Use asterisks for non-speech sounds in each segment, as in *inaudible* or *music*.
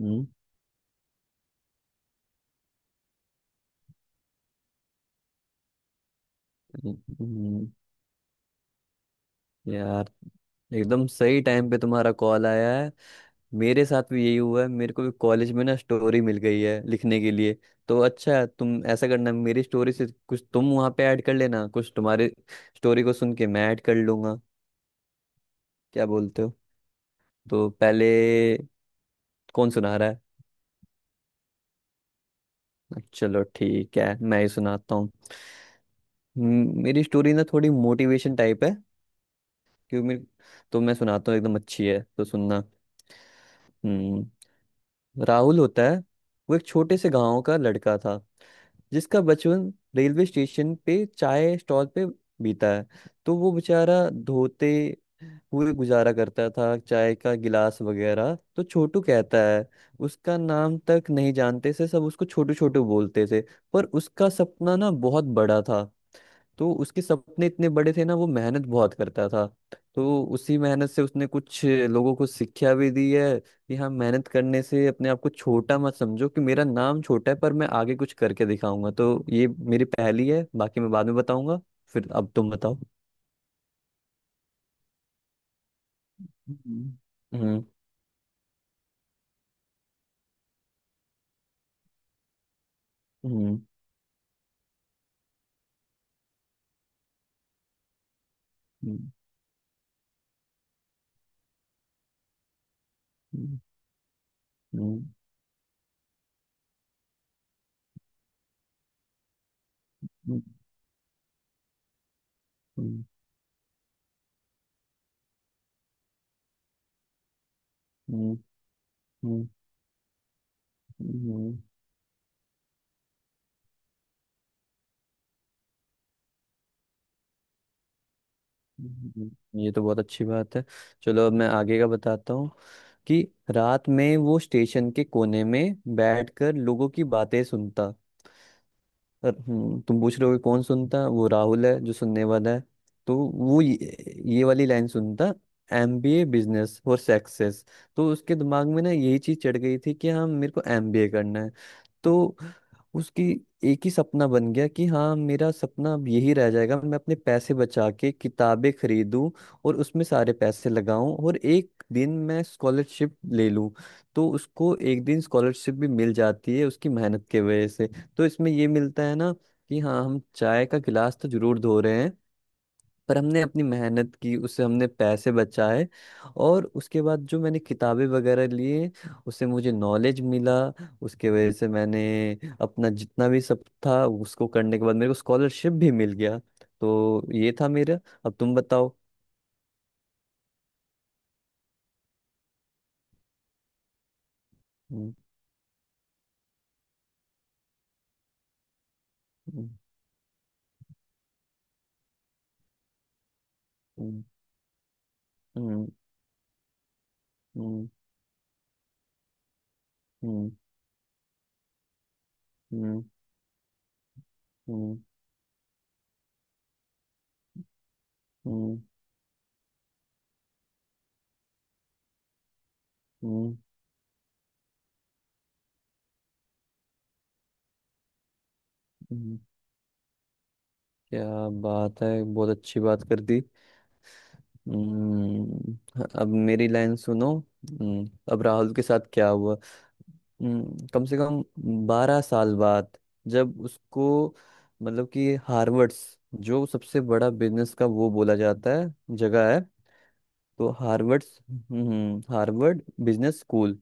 हम्म, हम्म। यार, एकदम सही टाइम पे तुम्हारा कॉल आया है। मेरे साथ भी यही हुआ है, मेरे को भी कॉलेज में ना स्टोरी मिल गई है लिखने के लिए। तो अच्छा है, तुम ऐसा करना मेरी स्टोरी से कुछ तुम वहाँ पे ऐड कर लेना, कुछ तुम्हारे स्टोरी को सुन के मैं ऐड कर लूंगा। क्या बोलते हो? तो पहले कौन सुना रहा है? चलो ठीक है, मैं ही सुनाता हूँ। मेरी स्टोरी ना थोड़ी मोटिवेशन टाइप है, क्योंकि तो मैं सुनाता हूँ, एकदम अच्छी है तो सुनना। हम्म, राहुल होता है। वो एक छोटे से गांव का लड़का था जिसका बचपन रेलवे स्टेशन पे चाय स्टॉल पे बीता है। तो वो बेचारा धोते हुए गुजारा करता था चाय का गिलास वगैरह, तो छोटू कहता है, उसका नाम तक नहीं जानते थे सब, उसको छोटू छोटू बोलते थे। पर उसका सपना ना बहुत बड़ा था। तो उसके सपने इतने बड़े थे ना, वो मेहनत बहुत करता था। तो उसी मेहनत से उसने कुछ लोगों को शिक्षा भी दी है कि हाँ, मेहनत करने से अपने आप को छोटा मत समझो कि मेरा नाम छोटा है, पर मैं आगे कुछ करके दिखाऊंगा। तो ये मेरी पहेली है, बाकी मैं बाद में बताऊंगा। फिर अब तुम बताओ। हम्म हम्म हम्म हम्म हम्म, हम्म, हम्म, हम्म, हम्म, हम्म, ये तो बहुत अच्छी बात है। चलो अब मैं आगे का बताता हूँ कि रात में वो स्टेशन के कोने में बैठकर लोगों की बातें सुनता। और तुम पूछ रहे हो कि कौन सुनता? वो राहुल है जो सुनने वाला है। तो वो ये वाली लाइन सुनता, एमबीए बिजनेस और सक्सेस। तो उसके दिमाग में ना यही चीज चढ़ गई थी कि हाँ, मेरे को एमबीए करना है। तो उसकी एक ही सपना बन गया कि हाँ, मेरा सपना अब यही रह जाएगा, मैं अपने पैसे बचा के किताबें खरीदूं और उसमें सारे पैसे लगाऊं और एक दिन मैं स्कॉलरशिप ले लूं। तो उसको एक दिन स्कॉलरशिप भी मिल जाती है उसकी मेहनत के वजह से। तो इसमें ये मिलता है ना कि हाँ, हम चाय का गिलास तो जरूर धो रहे हैं, पर हमने अपनी मेहनत की, उससे हमने पैसे बचाए और उसके बाद जो मैंने किताबें वगैरह लिए उससे मुझे नॉलेज मिला। उसके वजह से मैंने अपना जितना भी सब था उसको करने के बाद मेरे को स्कॉलरशिप भी मिल गया। तो ये था मेरा। अब तुम बताओ। हम्म, हम्म, हम्म, हम्म, हम्म, हम्म, हम्म, हम्म, हम्म, हम्म, हम्म। क्या बात है, बहुत अच्छी बात कर दी। हम्म, अब मेरी लाइन सुनो। अब राहुल के साथ क्या हुआ। कम से कम 12 साल बाद जब उसको, मतलब कि हार्वर्ड्स जो सबसे बड़ा बिजनेस का वो बोला जाता है जगह है। तो हार्वर्ड हार्वर्ड बिजनेस स्कूल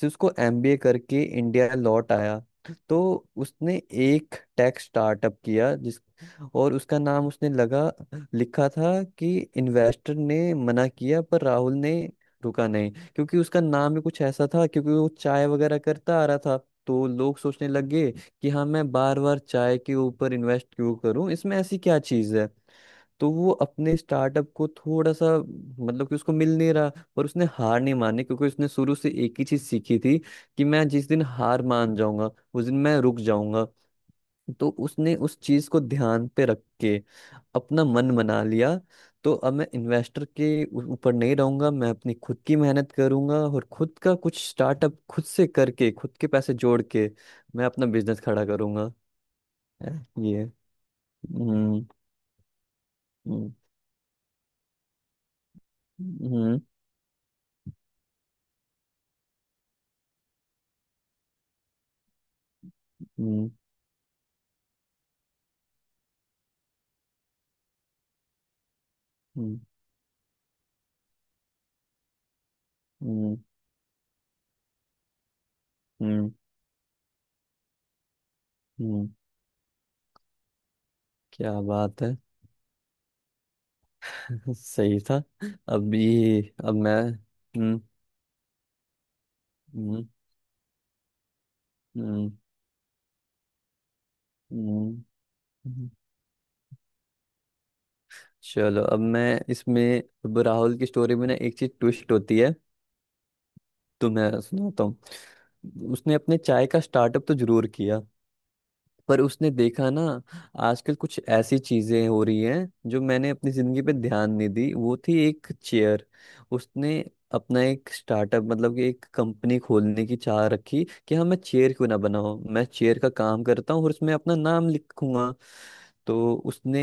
से उसको एमबीए करके इंडिया लौट आया। तो उसने एक टेक स्टार्टअप किया जिस और उसका नाम उसने लगा लिखा था। कि इन्वेस्टर ने मना किया पर राहुल ने रुका नहीं, क्योंकि उसका नाम ही कुछ ऐसा था, क्योंकि वो चाय वगैरह करता आ रहा था। तो लोग सोचने लगे कि हाँ, मैं बार बार चाय के ऊपर इन्वेस्ट क्यों करूं, इसमें ऐसी क्या चीज़ है। तो वो अपने स्टार्टअप को थोड़ा सा, मतलब कि उसको मिल नहीं रहा। पर उसने हार नहीं मानी, क्योंकि उसने शुरू से एक ही चीज सीखी थी कि मैं जिस दिन हार मान जाऊंगा उस दिन मैं रुक जाऊंगा। तो उसने उस चीज को ध्यान पे रख के अपना मन बना लिया। तो अब मैं इन्वेस्टर के ऊपर नहीं रहूंगा, मैं अपनी खुद की मेहनत करूंगा और खुद का कुछ स्टार्टअप खुद से करके खुद के पैसे जोड़ के मैं अपना बिजनेस खड़ा करूंगा है, ये हम्म हम्म हम्म हम्म हम्म हम्म हम्म हम्म। क्या बात है? *laughs* सही था। अभी अब मैं हम्म हम्म हम्म हम्म, हम्म। चलो अब मैं इसमें अब राहुल की स्टोरी में ना एक चीज ट्विस्ट होती है। तो मैं सुनाता हूँ। उसने अपने चाय का स्टार्टअप तो जरूर किया, पर उसने देखा ना आजकल कुछ ऐसी चीजें हो रही हैं जो मैंने अपनी जिंदगी पे ध्यान नहीं दी, वो थी एक चेयर। उसने अपना एक स्टार्टअप, मतलब कि एक कंपनी खोलने की चाह रखी कि हाँ, मैं चेयर क्यों ना बनाऊं, मैं चेयर का काम करता हूँ और उसमें अपना नाम लिखूंगा। तो उसने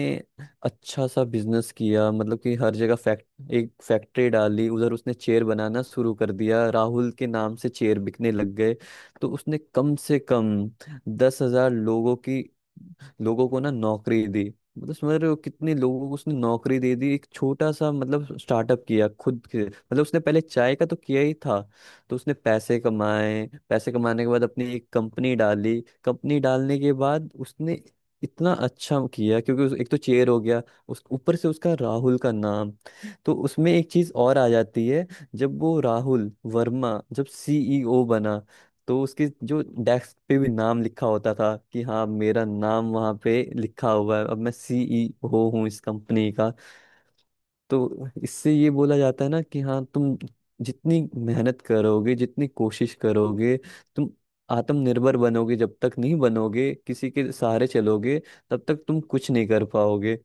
अच्छा सा बिजनेस किया, मतलब कि हर जगह फैक्ट एक फैक्ट्री डाली, उधर उसने चेयर बनाना शुरू कर दिया, राहुल के नाम से चेयर बिकने लग गए। तो उसने कम से कम 10,000 लोगों को ना नौकरी दी। मतलब समझ रहे हो कितने लोगों को उसने नौकरी दे दी, एक छोटा सा मतलब स्टार्टअप किया खुद के, मतलब उसने पहले चाय का तो किया ही था। तो उसने पैसे कमाए, पैसे कमाने के बाद अपनी एक कंपनी डाली, कंपनी डालने के बाद उसने इतना अच्छा किया, क्योंकि एक तो चेयर हो गया, उस ऊपर से उसका राहुल का नाम। तो उसमें एक चीज और आ जाती है, जब वो राहुल वर्मा जब सीईओ बना। तो उसके जो डेस्क पे भी नाम लिखा होता था कि हाँ, मेरा नाम वहाँ पे लिखा हुआ है, अब मैं सीईओ हूँ इस कंपनी का। तो इससे ये बोला जाता है ना कि हाँ, तुम जितनी मेहनत करोगे, जितनी कोशिश करोगे तुम आत्मनिर्भर बनोगे, जब तक नहीं बनोगे किसी के सहारे चलोगे तब तक तुम कुछ नहीं कर पाओगे।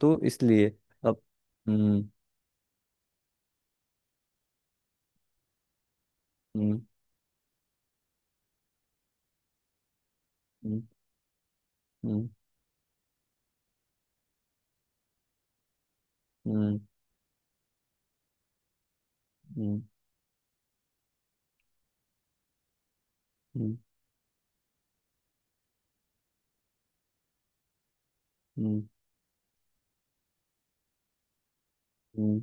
तो इसलिए अब हम्म हम्म हम्म हम्म हम्म हम्म हम्म हम्म।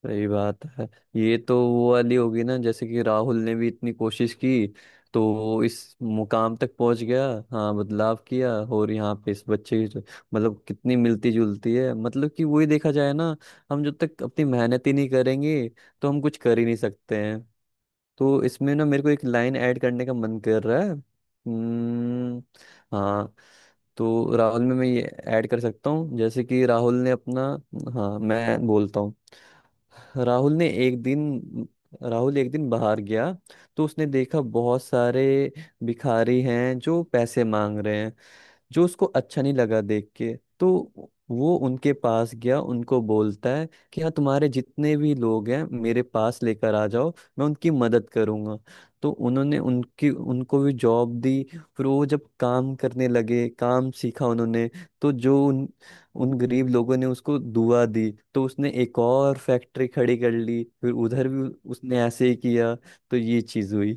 सही बात है। ये तो वो वाली होगी ना, जैसे कि राहुल ने भी इतनी कोशिश की तो वो इस मुकाम तक पहुंच गया। हाँ, बदलाव किया और यहाँ पे इस बच्चे की मतलब कितनी मिलती जुलती है, मतलब कि वही देखा जाए ना। हम जब तक अपनी मेहनत ही नहीं करेंगे तो हम कुछ कर ही नहीं सकते हैं। तो इसमें ना मेरे को एक लाइन ऐड करने का मन कर रहा है। हम्म, हाँ, तो राहुल में मैं ये ऐड कर सकता हूँ, जैसे कि राहुल ने अपना। हाँ, मैं बोलता हूँ। राहुल ने एक दिन राहुल एक दिन बाहर गया। तो उसने देखा बहुत सारे भिखारी हैं जो पैसे मांग रहे हैं, जो उसको अच्छा नहीं लगा देख के। तो वो उनके पास गया, उनको बोलता है कि हाँ, तुम्हारे जितने भी लोग हैं मेरे पास लेकर आ जाओ, मैं उनकी मदद करूंगा। तो उन्होंने उनकी उनको भी जॉब दी। फिर वो जब काम करने लगे, काम सीखा उन्होंने। तो जो उन उन गरीब लोगों ने उसको दुआ दी, तो उसने एक और फैक्ट्री खड़ी कर ली, फिर उधर भी उसने ऐसे ही किया, तो ये चीज हुई।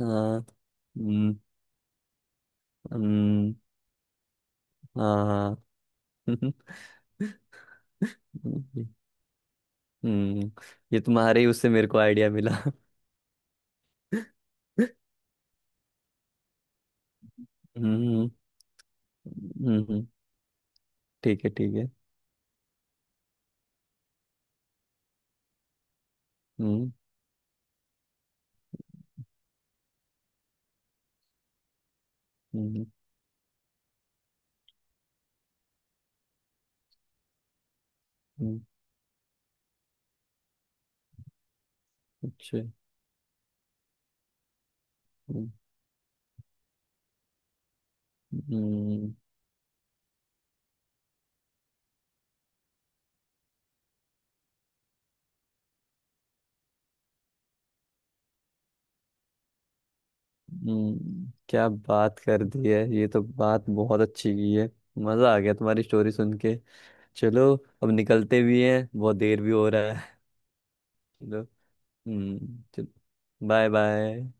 हाँ, हम्म हम्म, हाँ हाँ *laughs* हम्म हम्म। ये तुम्हारे ही उससे मेरे को आइडिया मिला। हम्म हम्म। ठीक है ठीक है। हम्म हम्म हम्म, अच्छा, हम्म हम्म, क्या बात कर दी है, ये तो बात बहुत अच्छी की है। मजा आ गया तुम्हारी स्टोरी सुन के। चलो, अब निकलते भी हैं, बहुत देर भी हो रहा है। चलो। हम्म, चलो। Bye bye.